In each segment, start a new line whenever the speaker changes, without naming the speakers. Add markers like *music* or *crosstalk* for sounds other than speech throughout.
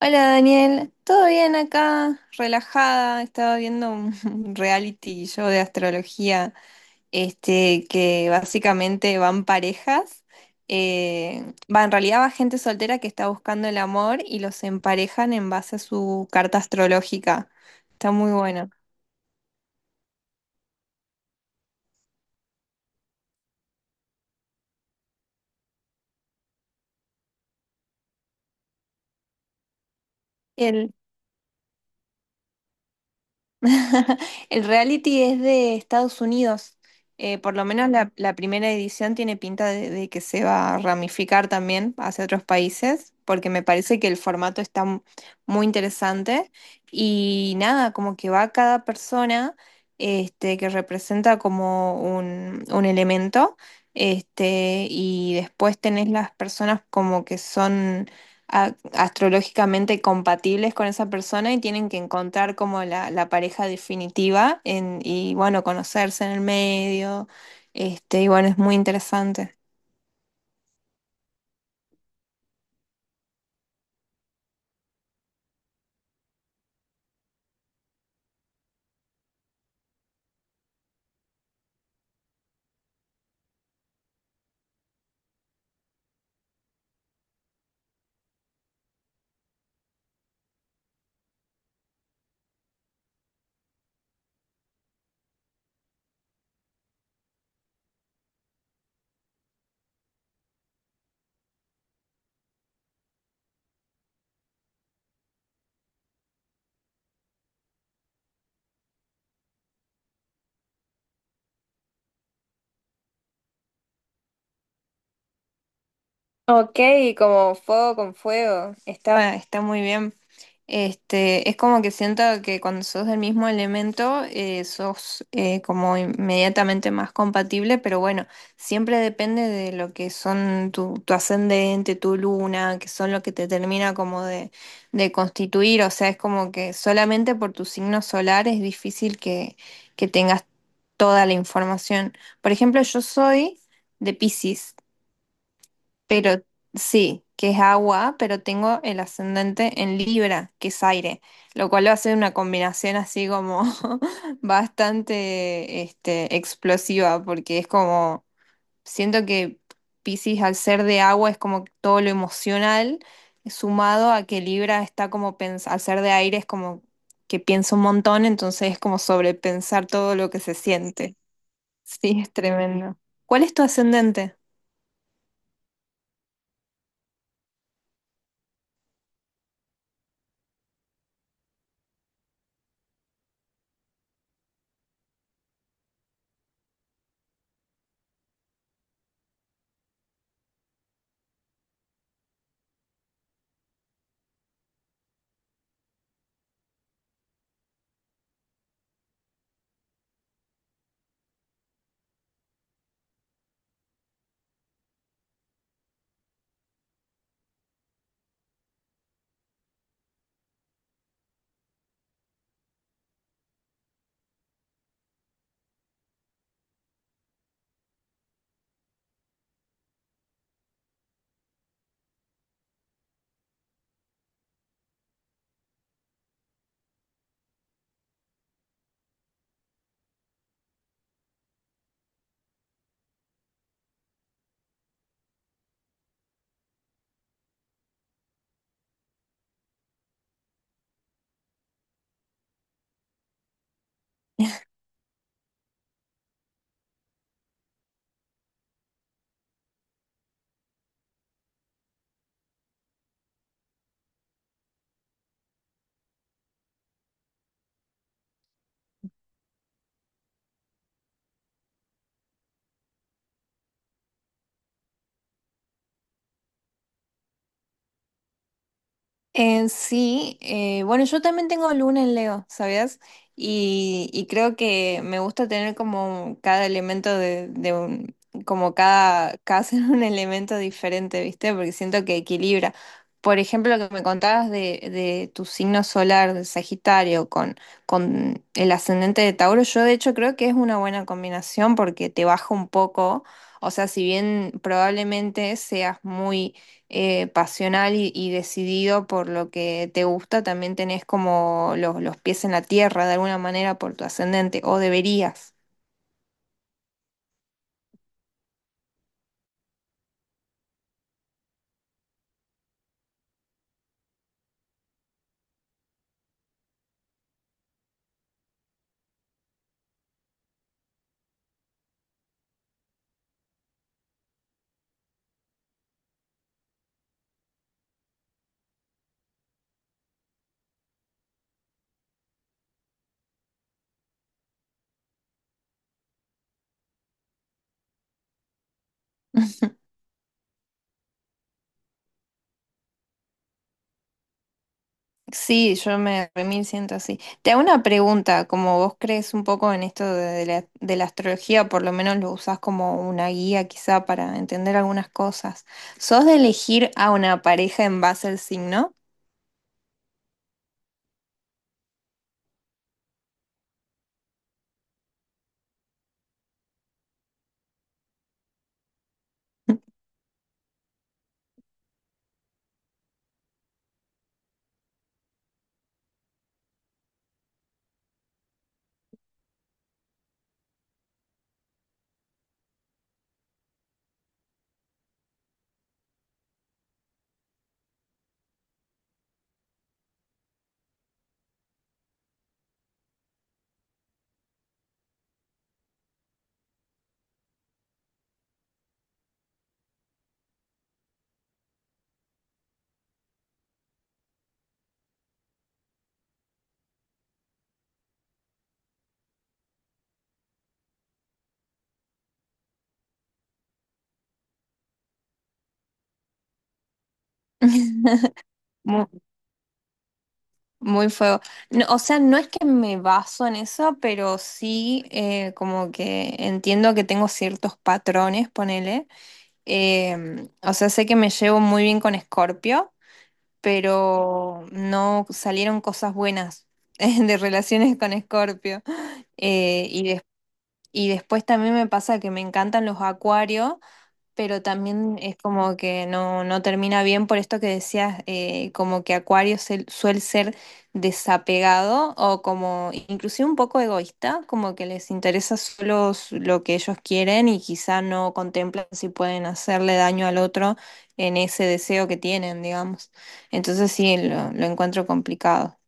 Hola Daniel, ¿todo bien acá? Relajada, estaba viendo un *laughs* un reality show de astrología, que básicamente van parejas, en realidad va gente soltera que está buscando el amor y los emparejan en base a su carta astrológica. Está muy bueno. *laughs* El reality es de Estados Unidos. Por lo menos la primera edición tiene pinta de que se va a ramificar también hacia otros países, porque me parece que el formato está muy interesante. Y nada, como que va cada persona que representa como un elemento, y después tenés las personas como que son astrológicamente compatibles con esa persona y tienen que encontrar como la pareja definitiva en, y bueno, conocerse en el medio. Y bueno, es muy interesante. Ok, como fuego con fuego. Está, está muy bien. Este, es como que siento que cuando sos del mismo elemento, sos como inmediatamente más compatible, pero bueno, siempre depende de lo que son tu ascendente, tu luna, que son lo que te termina como de constituir. O sea, es como que solamente por tu signo solar es difícil que tengas toda la información. Por ejemplo, yo soy de Piscis. Pero sí, que es agua, pero tengo el ascendente en Libra, que es aire, lo cual va a ser una combinación así como *laughs* bastante este, explosiva, porque es como, siento que Piscis al ser de agua es como todo lo emocional, sumado a que Libra está como, al ser de aire es como que piensa un montón, entonces es como sobrepensar todo lo que se siente. Sí, es tremendo. ¿Cuál es tu ascendente? Sí, bueno, yo también tengo luna en Leo, ¿sabías? Y creo que me gusta tener como cada elemento de un, como cada, cada *laughs* ser un elemento diferente, ¿viste? Porque siento que equilibra. Por ejemplo, lo que me contabas de tu signo solar, de Sagitario, con el ascendente de Tauro, yo de hecho creo que es una buena combinación porque te baja un poco, o sea, si bien probablemente seas muy pasional y decidido por lo que te gusta, también tenés como los pies en la tierra de alguna manera por tu ascendente, o deberías. *laughs* Sí, yo me remil siento así. Te hago una pregunta, como vos crees un poco en esto de, de la astrología, por lo menos lo usás como una guía quizá para entender algunas cosas. ¿Sos de elegir a una pareja en base al signo? *laughs* Mu- Muy fuego. No, o sea, no es que me baso en eso, pero sí como que entiendo que tengo ciertos patrones, ponele. Em, o sea, sé que me llevo muy bien con Scorpio, pero no salieron cosas buenas *laughs* de relaciones con Scorpio. Eh, y, des- y después también me pasa que me encantan los acuarios, pero también es como que no, no termina bien por esto que decías, como que Acuario suele ser desapegado o como inclusive un poco egoísta, como que les interesa solo lo que ellos quieren y quizá no contemplan si pueden hacerle daño al otro en ese deseo que tienen, digamos. Entonces sí, lo encuentro complicado.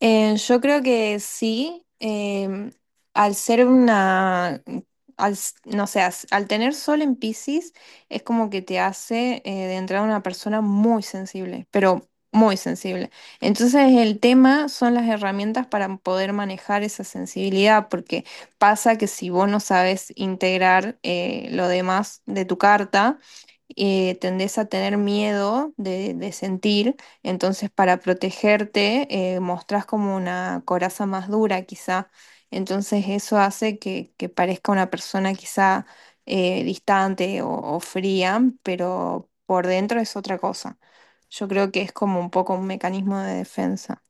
Yo creo que sí, al ser una, al, no sé, al tener sol en Piscis, es como que te hace de entrada una persona muy sensible, pero muy sensible. Entonces el tema son las herramientas para poder manejar esa sensibilidad, porque pasa que si vos no sabes integrar lo demás de tu carta, tendés a tener miedo de sentir. Entonces, para protegerte, mostrás como una coraza más dura, quizá. Entonces, eso hace que parezca una persona quizá distante o fría, pero por dentro es otra cosa. Yo creo que es como un poco un mecanismo de defensa.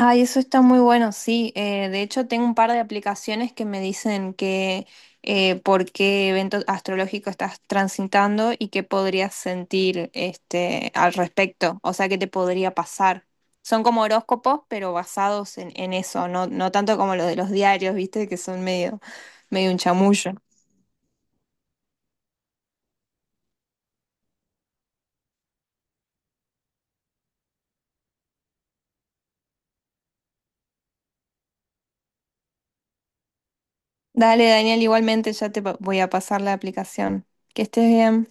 Ay, eso está muy bueno, sí. De hecho, tengo un par de aplicaciones que me dicen que por qué evento astrológico estás transitando y qué podrías sentir este, al respecto, o sea, qué te podría pasar. Son como horóscopos, pero basados en eso, no, no tanto como los de los diarios, ¿viste? Que son medio, medio un chamullo. Dale, Daniel, igualmente ya te voy a pasar la aplicación. Que estés bien.